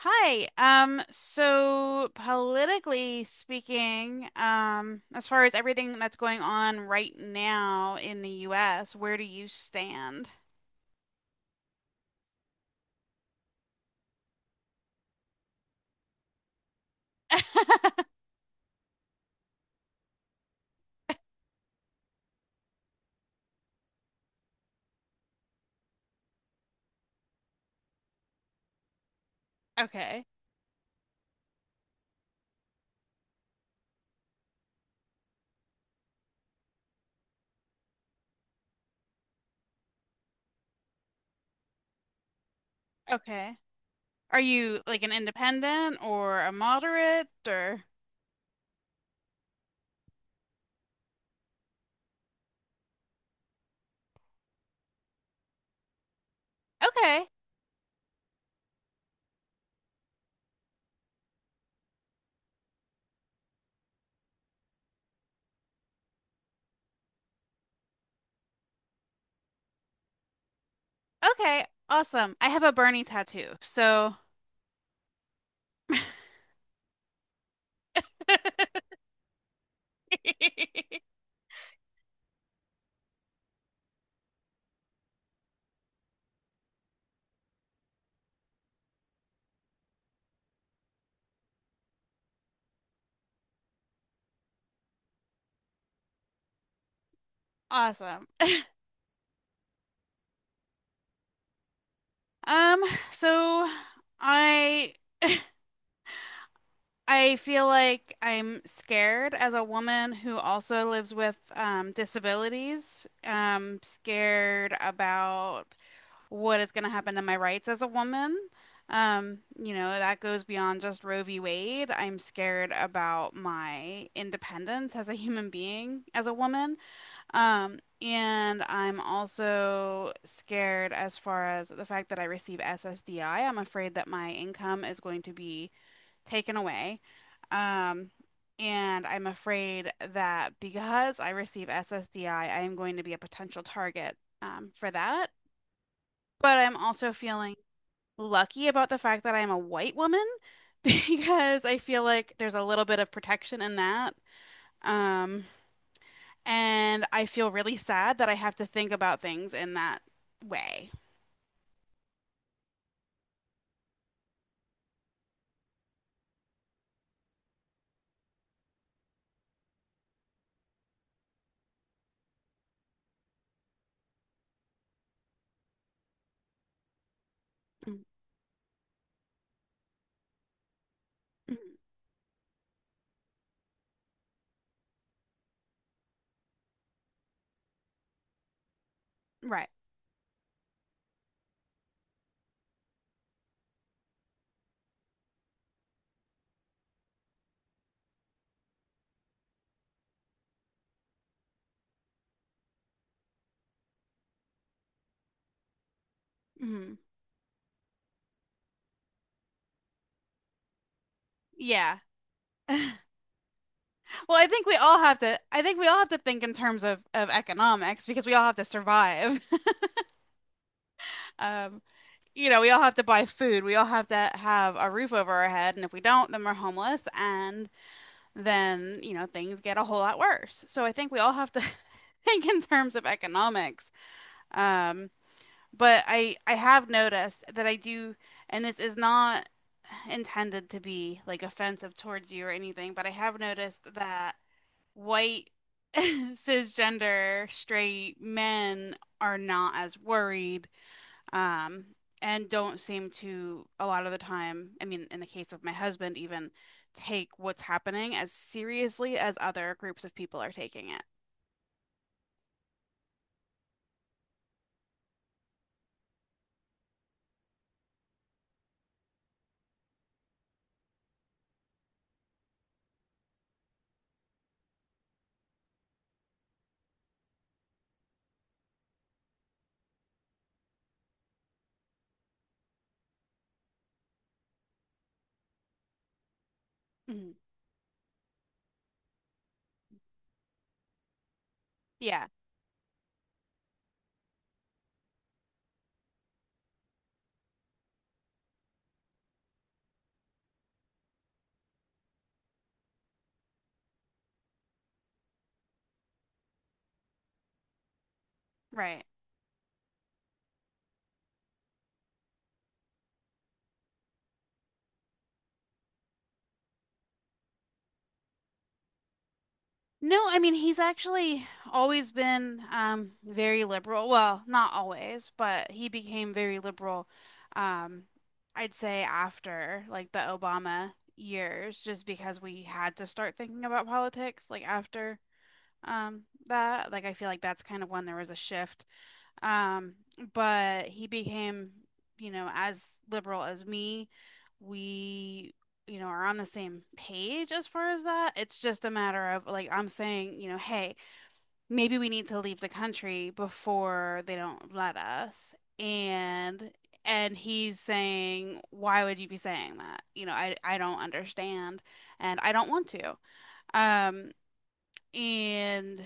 Hi. So politically speaking, as far as everything that's going on right now in the US, where do you stand? Okay. Okay. Are you like an independent or a moderate or Okay. Okay. Awesome. I have a Bernie tattoo. So Awesome. Um, so I I feel like I'm scared as a woman who also lives with disabilities. Scared about what is going to happen to my rights as a woman. You know, that goes beyond just Roe v. Wade. I'm scared about my independence as a human being, as a woman. And I'm also scared as far as the fact that I receive SSDI. I'm afraid that my income is going to be taken away. Um, and I'm afraid that because I receive SSDI, I am going to be a potential target for that. But I'm also feeling lucky about the fact that I'm a white woman because I feel like there's a little bit of protection in that. Um, and I feel really sad that I have to think about things in that way. Right. Mhm. Yeah. Well, I think we all have to. I think we all have to think in terms of economics because we all have to survive. Um, you know, we all have to buy food. We all have to have a roof over our head, and if we don't, then we're homeless, and then you know things get a whole lot worse. So I think we all have to think in terms of economics. Um, but I have noticed that I do, and this is not intended to be like offensive towards you or anything, but I have noticed that white cisgender straight men are not as worried um, and don't seem to a lot of the time I mean in the case of my husband even take what's happening as seriously as other groups of people are taking it. Mhm. Yeah. Right. No, I mean he's actually always been very liberal. Well, not always, but he became very liberal. Um, I'd say after like the Obama years, just because we had to start thinking about politics. Like after that, like I feel like that's kind of when there was a shift um, but he became, you know, as liberal as me. We, you know, are on the same page as far as that. It's just a matter of like I'm saying, you know, hey, maybe we need to leave the country before they don't let us. And he's saying, why would you be saying that? You know, I don't understand and I don't want to. Um, and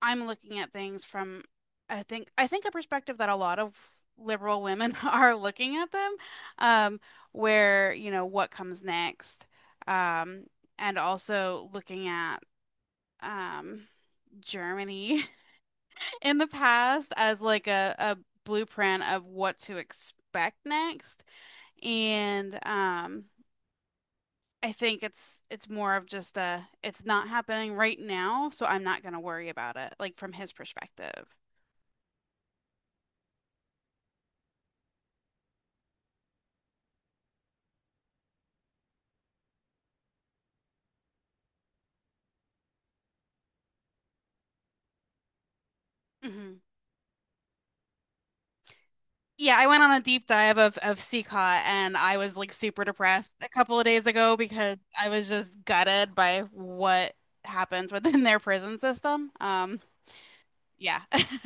I'm looking at things from I think a perspective that a lot of liberal women are looking at them, um, where, you know, what comes next, um, and also looking at um, Germany in the past as like a blueprint of what to expect next. And I think it's more of just a it's not happening right now, so I'm not gonna worry about it, like from his perspective. Hmm. Yeah, I went on a deep dive of CCAT and I was like super depressed a couple of days ago because I was just gutted by what happens within their prison system. Yeah.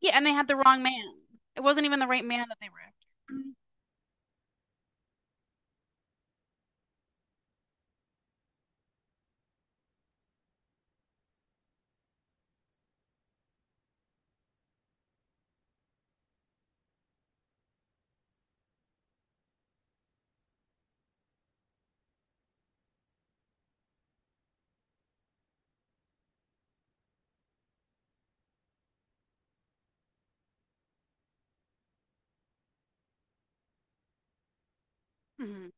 Yeah, and they had the wrong man. It wasn't even the right man that they were after. Hmm.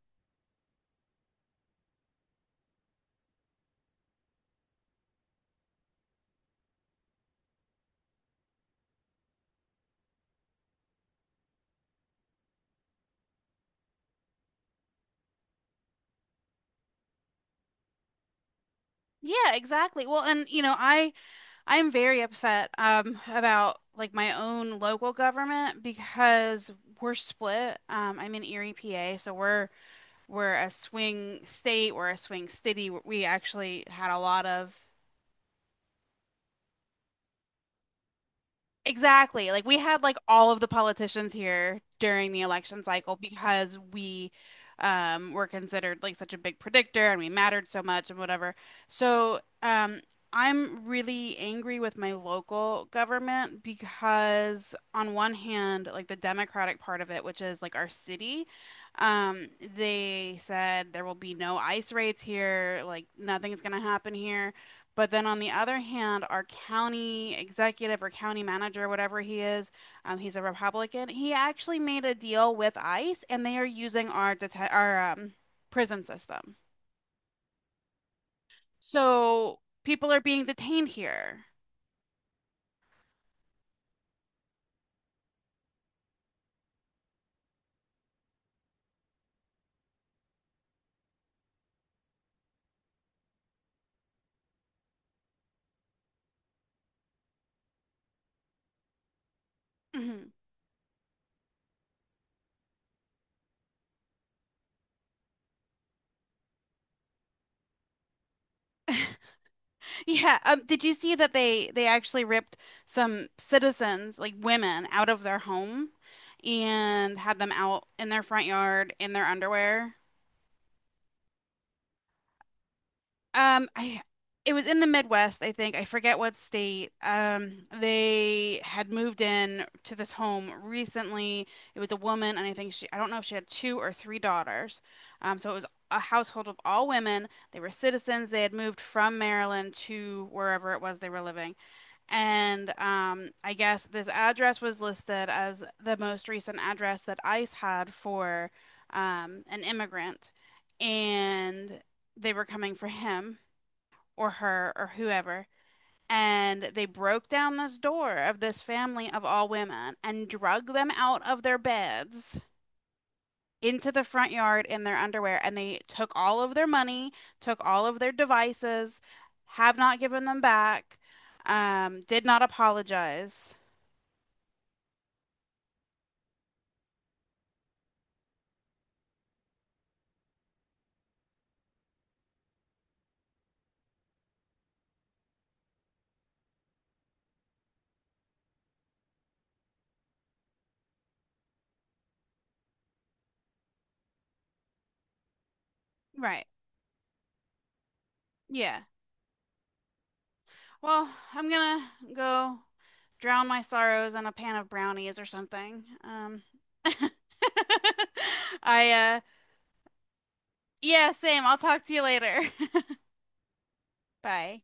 Yeah, exactly. Well, and you know, I I'm very upset about like my own local government because we're split. I'm in Erie, PA, so we're a swing state, we're a swing city. We actually had a lot of Exactly. Like we had like all of the politicians here during the election cycle because we were considered like such a big predictor and we mattered so much and whatever. So, I'm really angry with my local government because on one hand, like the Democratic part of it, which is like our city, um they said there will be no ICE raids here, like nothing's going to happen here. But then on the other hand, our county executive or county manager, whatever he is, he's a Republican. He actually made a deal with ICE, and they are using our prison system. So people are being detained here. Mhm. Yeah. Did you see that they actually ripped some citizens, like women, out of their home and had them out in their front yard in their underwear? I It was in the Midwest, I think. I forget what state. They had moved in to this home recently. It was a woman, and I think she, I don't know if she had two or three daughters. So it was a household of all women. They were citizens. They had moved from Maryland to wherever it was they were living. And I guess this address was listed as the most recent address that ICE had for an immigrant. And they were coming for him or her or whoever, and they broke down this door of this family of all women and drug them out of their beds into the front yard in their underwear and they took all of their money, took all of their devices, have not given them back, did not apologize. Right. Yeah. Well, I'm gonna go drown my sorrows in a pan of brownies or something. I Yeah, same. I'll talk to you later. Bye.